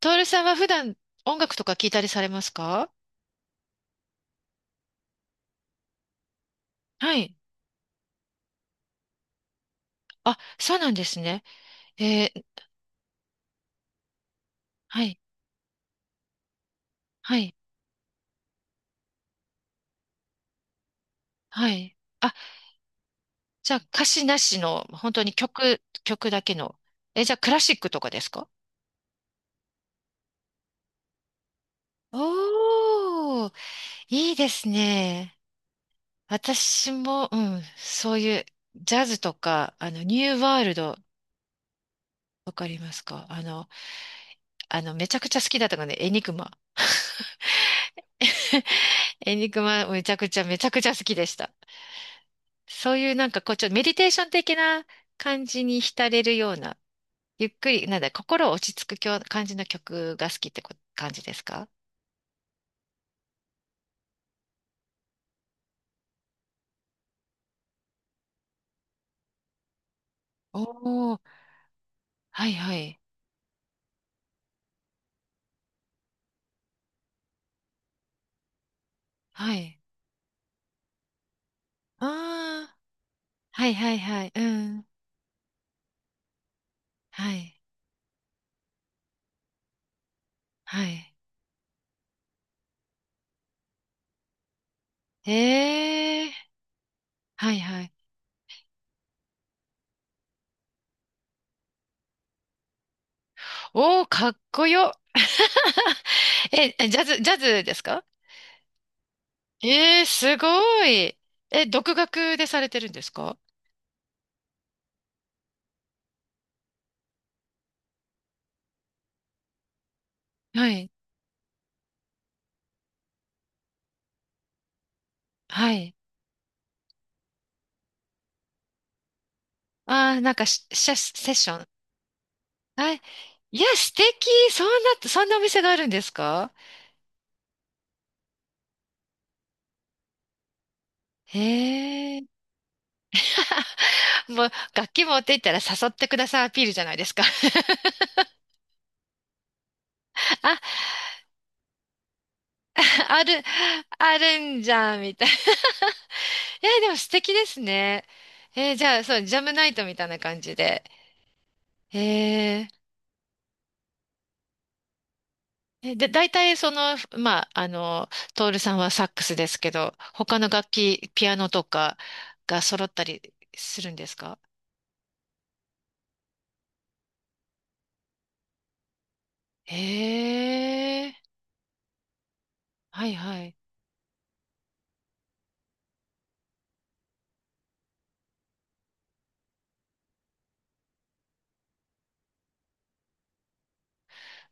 トールさんは普段音楽とか聞いたりされますか？はい。あ、そうなんですね。えーはい、はい、はい。あ、じゃあ歌詞なしの、本当に曲、曲だけの。え、じゃあクラシックとかですか？おー、いいですね。私も、うん、そういうジャズとか、あの、ニューワールド、わかりますか？あの、めちゃくちゃ好きだったので、エニグマ。エニグマ、めちゃくちゃ、めちゃくちゃ好きでした。そういうなんかこう、ちょっとメディテーション的な感じに浸れるような、ゆっくり、なんだ、心を落ち着く感じの曲が好きって感じですか？おおー、はいはい、はい。ああ、はいはいはい、うん、はい、はい。ええー、はいはいはいうんはいはいええはいはい。おお、かっこよ。え、ジャズですか？ええ、すごい。え、独学でされてるんですか？はい、はい。ああ、なんかセッション。はい。いや、素敵。そんそんなお店があるんですか？へえ。もう、楽器持って行ったら誘ってくださいアピールじゃないですか。あ、ある、あるんじゃん、みたいな。でも素敵ですね。じゃあ、そう、ジャムナイトみたいな感じで。えーえで、大体その、まあ、あの、トールさんはサックスですけど、他の楽器、ピアノとかが揃ったりするんですか？ええ、はいはい。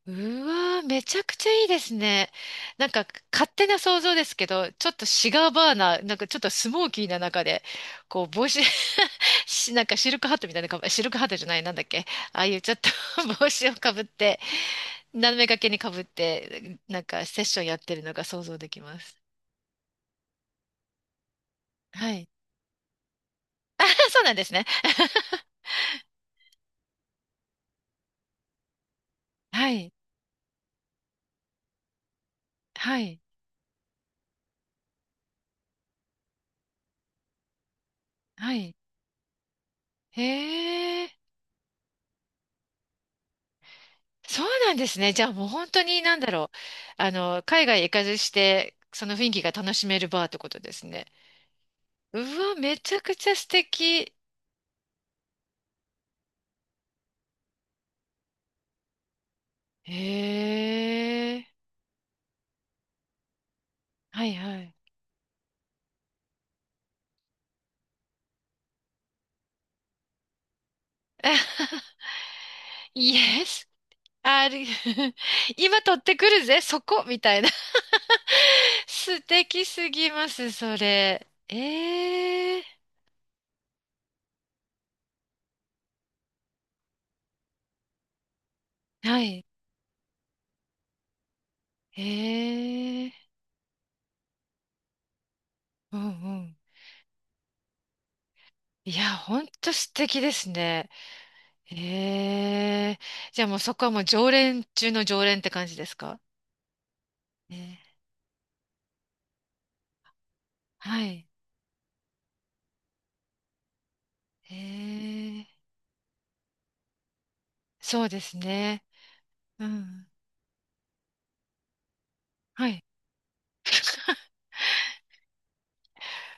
うわー、めちゃくちゃいいですね。なんか勝手な想像ですけど、ちょっとシガーバーナー、なんかちょっとスモーキーな中で、こう帽子 なんかシルクハットみたいなシルクハットじゃない、なんだっけ、ああいうちょっと 帽子をかぶって、斜め掛けにかぶって、なんかセッションやってるのが想像できます。はい。あ、そうなんですね。はい。はい。はい。へえ。そうなんですね。じゃあもう本当になんだろう。あの、海外行かずして、その雰囲気が楽しめるバーってことですね。うわ、めちゃくちゃ素敵。へえ。はいはい。Yes, あ r 今取ってくるぜ、そこみたいな。素敵すぎます、それ。ええ、はい。ええ、うんうん。いや、ほんと素敵ですね。へえ。じゃあもうそこはもう常連中の常連って感じですかね？はい。へえ。そうですね。うん。はい。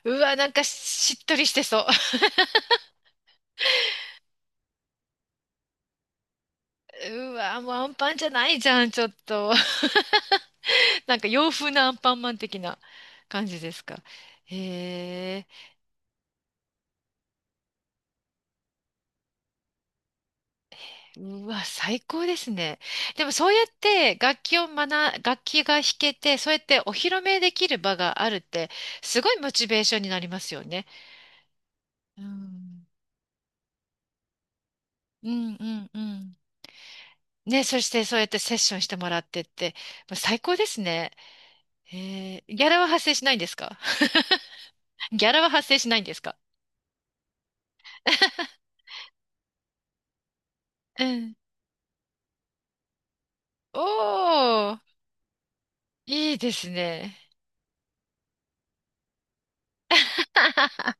うわ、なんかしっとりしてそう。うわ、もうアンパンじゃないじゃん、ちょっと。なんか洋風なアンパンマン的な感じですか。へえ。うわ、最高ですね。でもそうやって楽器が弾けて、そうやってお披露目できる場があるって、すごいモチベーションになりますよね。うん、うん、うん。うん、ね、そしてそうやってセッションしてもらってって、まあ最高ですね。ギャラは発生しないんですか？ ギャラは発生しないんですか？うん。おー、いいですね。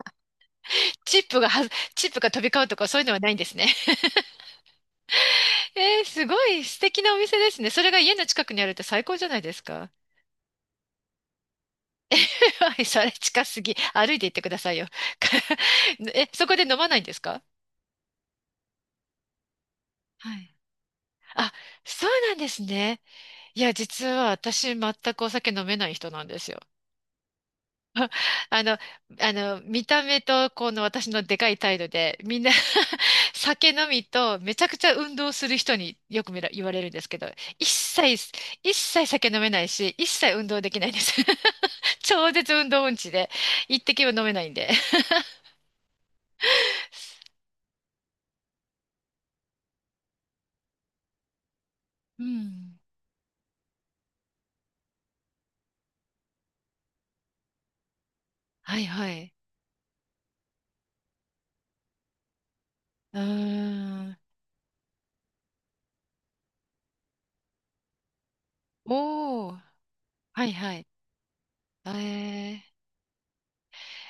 チップがは、チップが飛び交うとかそういうのはないんですね。すごい素敵なお店ですね。それが家の近くにあるって最高じゃないですか。はい、それ近すぎ。歩いて行ってくださいよ。え、そこで飲まないんですか？はい。あ、そうなんですね。いや、実は私全くお酒飲めない人なんですよ。あの、あの、見た目とこの私のでかい態度で、みんな 酒飲みとめちゃくちゃ運動する人によく言われるんですけど、一切、一切酒飲めないし、一切運動できないんです。超絶運動音痴で、一滴も飲めないんで。うん。はいはい。うーん。おー。はいはい。えー。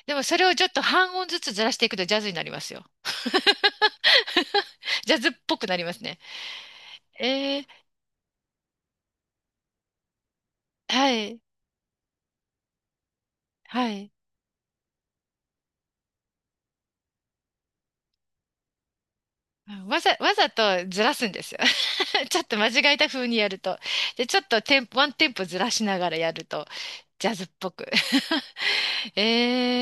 でもそれをちょっと半音ずつずらしていくとジャズになりますよ。ジャズっぽくなりますね。えー、はい、はい。わざとずらすんですよ。ちょっと間違えた風にやると。で、ちょっとテンポ、ワンテンポずらしながらやると、ジャズっぽく。え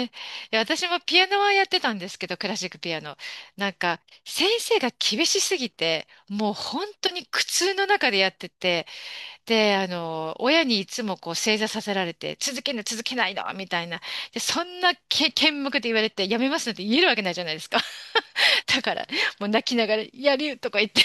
ー、いや私もピアノはやってたんですけど、クラシックピアノ。なんか、先生が厳しすぎて、もう本当に苦痛の中でやってて、で、あの、親にいつもこう正座させられて、続けない続けないのみたいな。で、そんなけ、剣幕で言われて、やめますなんて言えるわけないじゃないですか。だから、もう泣きながら、やるとか言って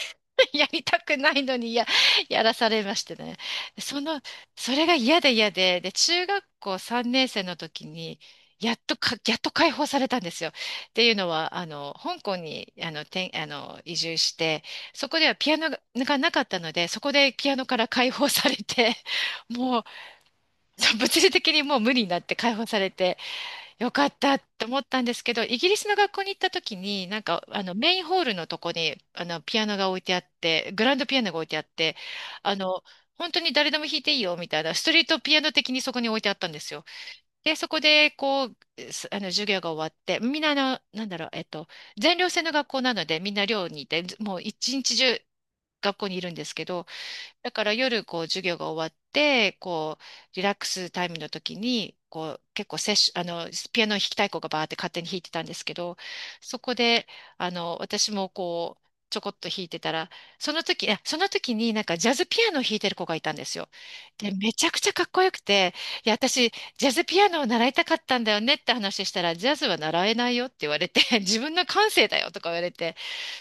やりたくないのにやらされましてね。その、それが嫌で嫌で、で、中学校3年生の時に、やっと解放されたんですよ。っていうのは、あの、香港に、あの、移住して、そこではピアノがなかったので、そこでピアノから解放されて、もう、物理的にもう無理になって解放されて、よかったって思ったんですけど、イギリスの学校に行った時に、なんか、あの、メインホールのとこに、あの、ピアノが置いてあって、グランドピアノが置いてあって、あの、本当に誰でも弾いていいよ、みたいな、ストリートピアノ的にそこに置いてあったんですよ。で、そこで、こう、すあの、授業が終わって、みんな、あの、なんだろう、全寮制の学校なので、みんな寮にいて、ずもう一日中学校にいるんですけど、だから夜こう授業が終わって、こうリラックスタイムの時に、こう結構セッション、あの、ピアノ弾きたい子がバーって勝手に弾いてたんですけど、そこで、あの、私もこう、ちょこっと弾いてたら、その時、いやその時になんかジャズピアノを弾いてる子がいたんですよ。で、めちゃくちゃかっこよくて、いや、私、ジャズピアノを習いたかったんだよねって話したら、ジャズは習えないよって言われて、自分の感性だよとか言われて、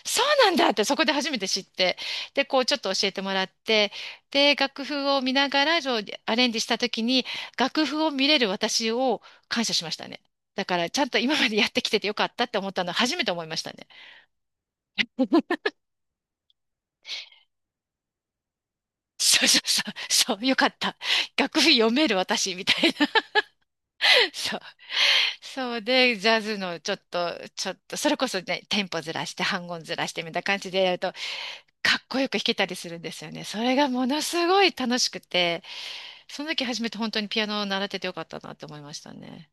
そうなんだってそこで初めて知って、で、こうちょっと教えてもらって、で、楽譜を見ながら、そうアレンジした時に、楽譜を見れる私を感謝しましたね。だから、ちゃんと今までやってきててよかったって思ったのは初めて思いましたね。そうそうそう、そう、よかった。楽譜読める私みたいな。そう。そうで、ジャズのちょっと、それこそね、テンポずらして、半音ずらしてみたいな感じでやると、かっこよく弾けたりするんですよね。それがものすごい楽しくて、その時初めて本当にピアノを習っててよかったなって思いましたね。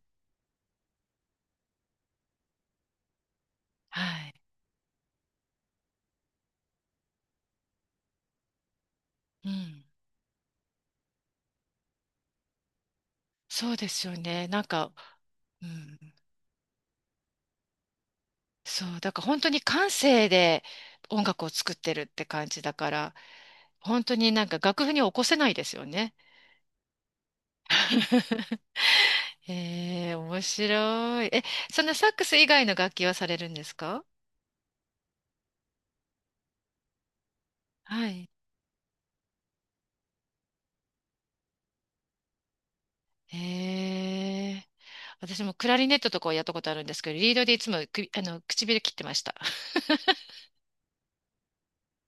はい。うん。そうですよね。なんか、うん、そう、だから本当に感性で音楽を作ってるって感じだから、本当になんか楽譜に起こせないですよね。ええ、面白い。え、そのサックス以外の楽器はされるんですか？はい。ええ私もクラリネットとかをやったことあるんですけど、リードでいつも首あの、唇切ってました。